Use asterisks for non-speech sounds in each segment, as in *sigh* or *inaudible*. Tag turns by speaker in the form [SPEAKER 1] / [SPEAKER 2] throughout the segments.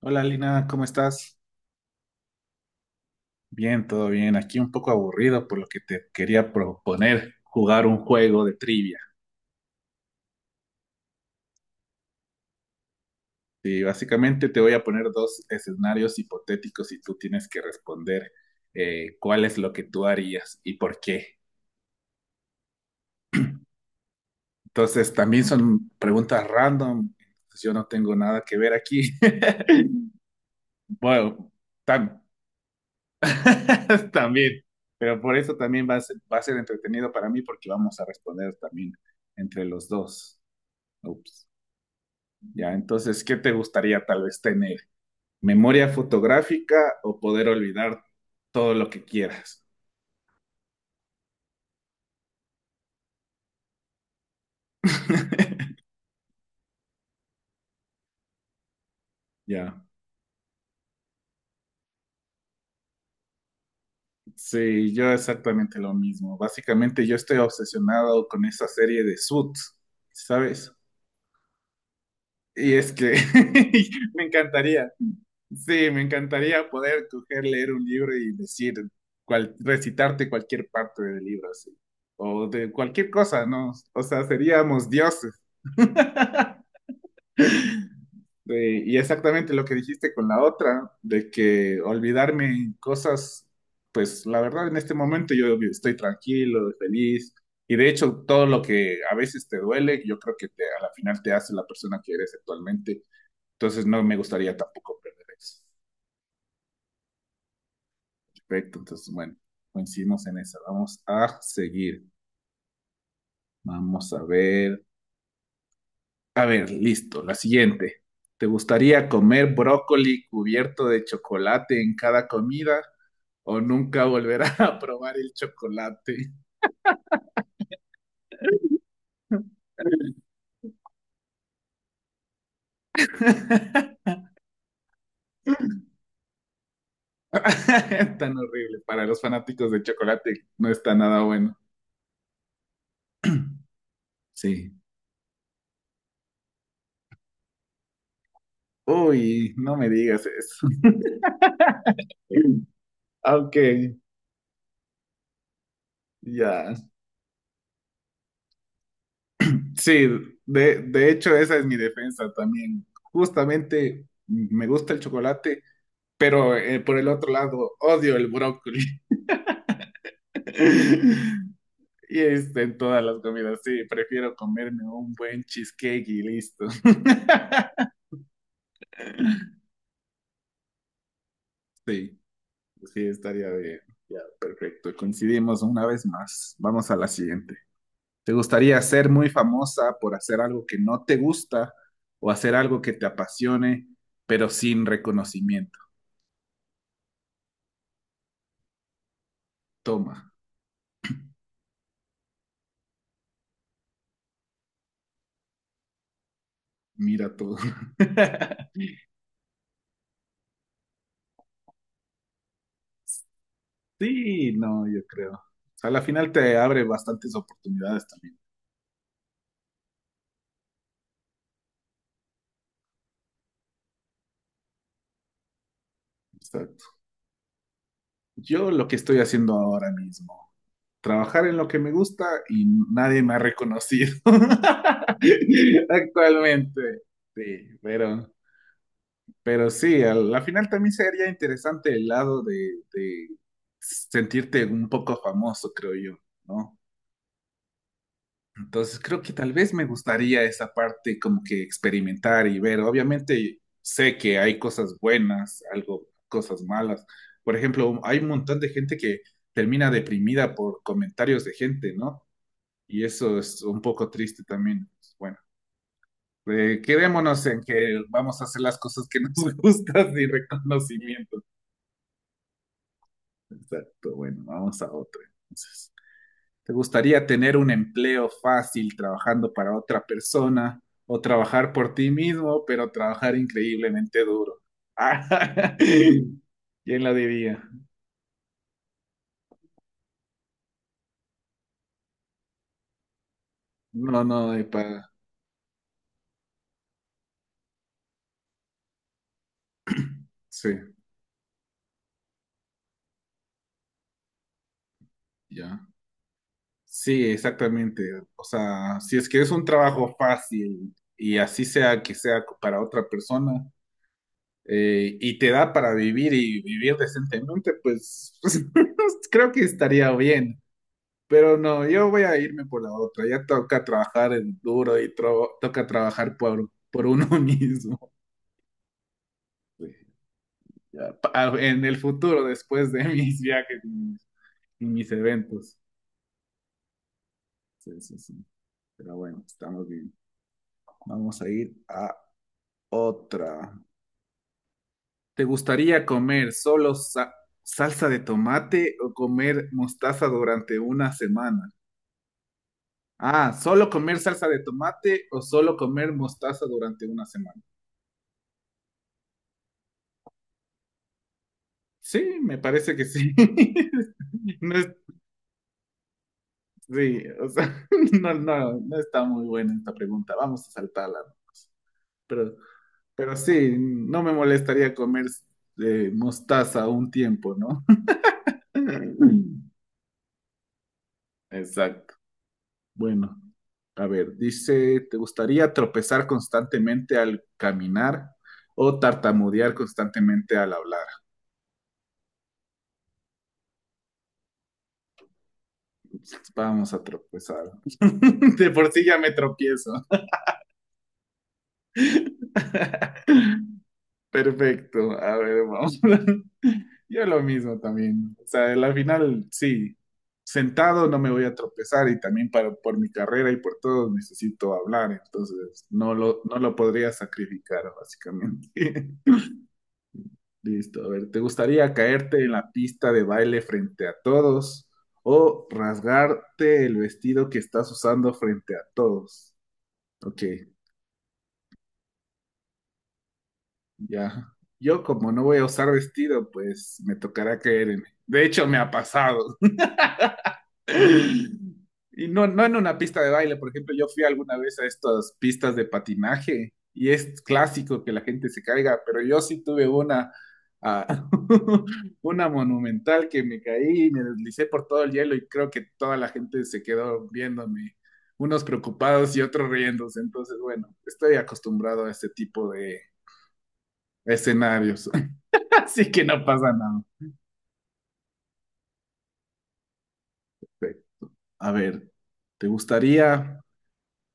[SPEAKER 1] Hola Lina, ¿cómo estás? Bien, todo bien. Aquí un poco aburrido, por lo que te quería proponer jugar un juego de trivia. Sí, básicamente te voy a poner dos escenarios hipotéticos y tú tienes que responder cuál es lo que tú harías y por qué. Entonces, también son preguntas random. Pues yo no tengo nada que ver aquí. *laughs* Bueno, tam- *laughs* también. Pero por eso también va a ser entretenido para mí porque vamos a responder también entre los dos. Ups. Ya, entonces, ¿qué te gustaría tal vez tener? ¿Memoria fotográfica o poder olvidar todo lo que quieras? *laughs* Ya, sí, yo exactamente lo mismo. Básicamente yo estoy obsesionado con esa serie de Suits, ¿sabes? Y es que *laughs* me encantaría, sí, me encantaría poder coger, leer un libro y decir, recitarte cualquier parte del libro, así, o de cualquier cosa, ¿no? O sea, seríamos dioses. Y exactamente lo que dijiste con la otra, de que olvidarme en cosas, pues la verdad en este momento yo estoy tranquilo, feliz, y de hecho todo lo que a veces te duele, yo creo que a la final te hace la persona que eres actualmente, entonces no me gustaría tampoco perder eso. Perfecto, entonces bueno, coincidimos en esa, vamos a seguir, vamos a ver, listo, la siguiente. ¿Te gustaría comer brócoli cubierto de chocolate en cada comida o nunca volverá a *laughs* probar el chocolate? *laughs* Tan horrible. Para los fanáticos de chocolate no está nada bueno. Sí. Uy, no me digas eso. *laughs* Ok, ya. Sí, de hecho esa es mi defensa también. Justamente me gusta el chocolate, pero por el otro lado odio el brócoli. *laughs* Y este, en todas las comidas, sí, prefiero comerme un buen cheesecake y listo. *laughs* Sí, sí, estaría bien. Ya, perfecto. Coincidimos una vez más. Vamos a la siguiente. ¿Te gustaría ser muy famosa por hacer algo que no te gusta o hacer algo que te apasione, pero sin reconocimiento? Toma, mira todo. *laughs* Sí, no, yo creo. A la final te abre bastantes oportunidades también. Exacto. Yo lo que estoy haciendo ahora mismo, trabajar en lo que me gusta y nadie me ha reconocido *laughs* actualmente. Sí, pero sí, al, la final también sería interesante el lado de sentirte un poco famoso, creo yo, ¿no? Entonces creo que tal vez me gustaría esa parte como que experimentar y ver. Obviamente sé que hay cosas buenas, algo, cosas malas. Por ejemplo, hay un montón de gente que termina deprimida por comentarios de gente, ¿no? Y eso es un poco triste también. Pues, bueno, quedémonos en que vamos a hacer las cosas que nos *laughs* gustan y reconocimiento. Exacto. Bueno, vamos a otro. Entonces, ¿te gustaría tener un empleo fácil trabajando para otra persona o trabajar por ti mismo, pero trabajar increíblemente duro? *laughs* ¿Quién lo diría? No, no, Sí, ya. Sí, exactamente. O sea, si es que es un trabajo fácil y así sea que sea para otra persona y te da para vivir y vivir decentemente, pues, *laughs* pues, creo que estaría bien. Pero no, yo voy a irme por la otra. Ya toca trabajar en duro y toca trabajar por uno *laughs* mismo. Pues, ya, en el futuro, después de *laughs* mis viajes y mis eventos. Sí, sí, sí. Pero bueno, estamos bien. Vamos a ir a otra. ¿Te gustaría comer solo salsa de tomate o comer mostaza durante una semana? Ah, ¿solo comer salsa de tomate o solo comer mostaza durante una semana? Sí, me parece que sí. *laughs* No es- Sí, o sea, *laughs* no, no, no está muy buena esta pregunta. Vamos a saltarla, ¿no? Pero, pero sí, no me molestaría comer mostaza un tiempo, ¿no? *laughs* Exacto. Bueno, a ver, dice, ¿te gustaría tropezar constantemente al caminar o tartamudear constantemente al hablar? Vamos a tropezar. *laughs* De por sí ya me tropiezo. *laughs* Perfecto. A ver, vamos. *laughs* Yo lo mismo también. O sea, al final, sí, sentado no me voy a tropezar y también por mi carrera y por todo necesito hablar, entonces no lo podría sacrificar, básicamente. *laughs* Listo, a ver, ¿te gustaría caerte en la pista de baile frente a todos o rasgarte el vestido que estás usando frente a todos? Ok, ya. Yo como no voy a usar vestido, pues me tocará caerme. De hecho, me ha pasado. Y no, no en una pista de baile, por ejemplo, yo fui alguna vez a estas pistas de patinaje y es clásico que la gente se caiga, pero yo sí tuve una, ah, *laughs* una monumental que me caí, me deslicé por todo el hielo y creo que toda la gente se quedó viéndome, unos preocupados y otros riéndose. Entonces, bueno, estoy acostumbrado a este tipo de escenarios, *laughs* así que no pasa nada. A ver, ¿te gustaría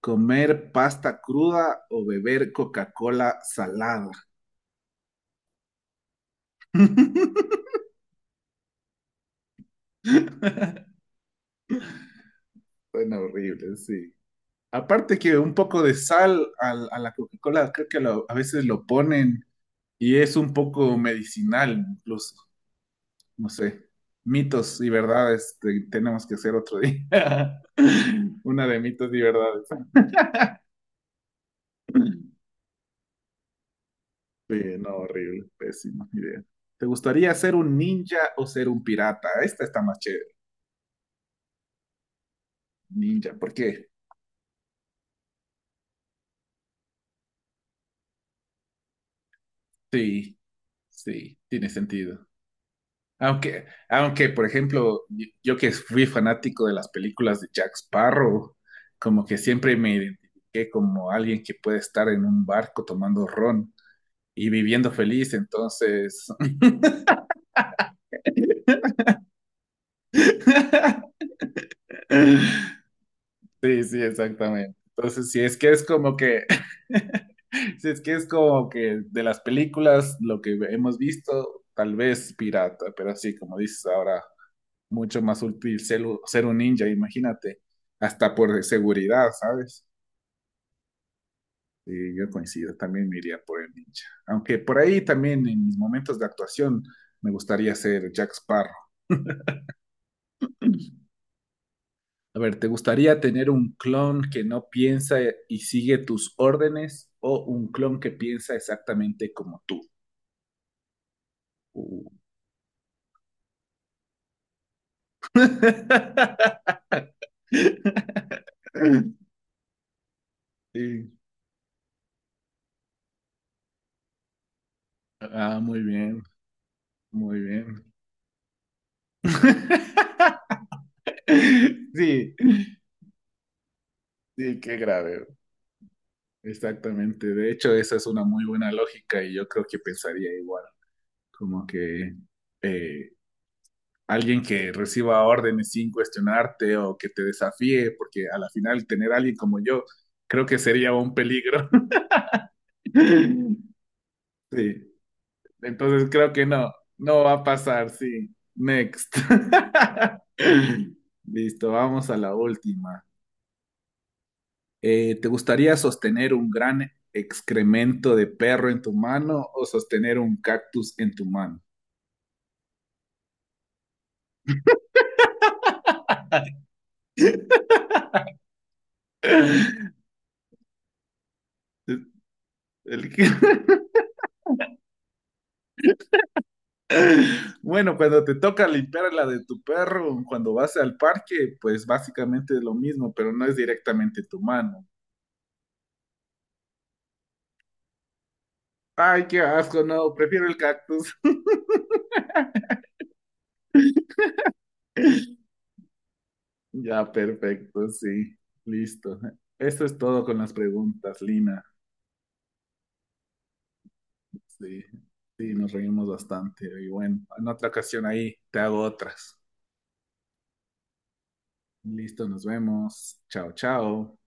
[SPEAKER 1] ¿comer pasta cruda o beber Coca-Cola salada? *laughs* Suena horrible, sí. Aparte que un poco de sal a la Coca-Cola, creo que a veces lo ponen y es un poco medicinal, incluso, no sé. Mitos y verdades, tenemos que hacer otro día. *laughs* Una de mitos y verdades. Sí, no, horrible, pésima idea. ¿Te gustaría ser un ninja o ser un pirata? Esta está más chévere, ninja, ¿por qué? Sí, sí, tiene sentido. Aunque, aunque, por ejemplo, yo que fui fanático de las películas de Jack Sparrow, como que siempre me identifiqué como alguien que puede estar en un barco tomando ron y viviendo feliz, entonces... *laughs* Sí, sí, exactamente. Entonces, si es que es como que, *laughs* si es que es como que de las películas, lo que hemos visto, tal vez pirata, pero así como dices ahora, mucho más útil ser un ninja, imagínate, hasta por seguridad, ¿sabes? Sí, yo coincido, también me iría por el ninja. Aunque por ahí también en mis momentos de actuación me gustaría ser Jack Sparrow. A ver, ¿te gustaría tener un clon que no piensa y sigue tus órdenes o un clon que piensa exactamente como tú? Uh. *laughs* Sí. Ah, muy bien, muy bien. *laughs* Sí, sí, qué grave. Exactamente. De hecho, esa es una muy buena lógica y yo creo que pensaría igual. Como que eh, alguien que reciba órdenes sin cuestionarte o que te desafíe, porque a la final tener a alguien como yo creo que sería un peligro. *laughs* Sí. Entonces creo que no, no va a pasar, sí. Next. *laughs* Listo, vamos a la última. ¿Te gustaría sostener un gran excremento de perro en tu mano o sostener un cactus en tu mano? *laughs* El que- *laughs* Bueno, cuando te toca limpiar la de tu perro, cuando vas al parque, pues básicamente es lo mismo, pero no es directamente tu mano. Ay, qué asco, no, prefiero el cactus. *laughs* Ya, perfecto, sí, listo. Eso es todo con las preguntas, Lina. Sí, sí, nos reímos bastante. Y bueno, en otra ocasión ahí te hago otras. Listo, nos vemos. Chao, chao.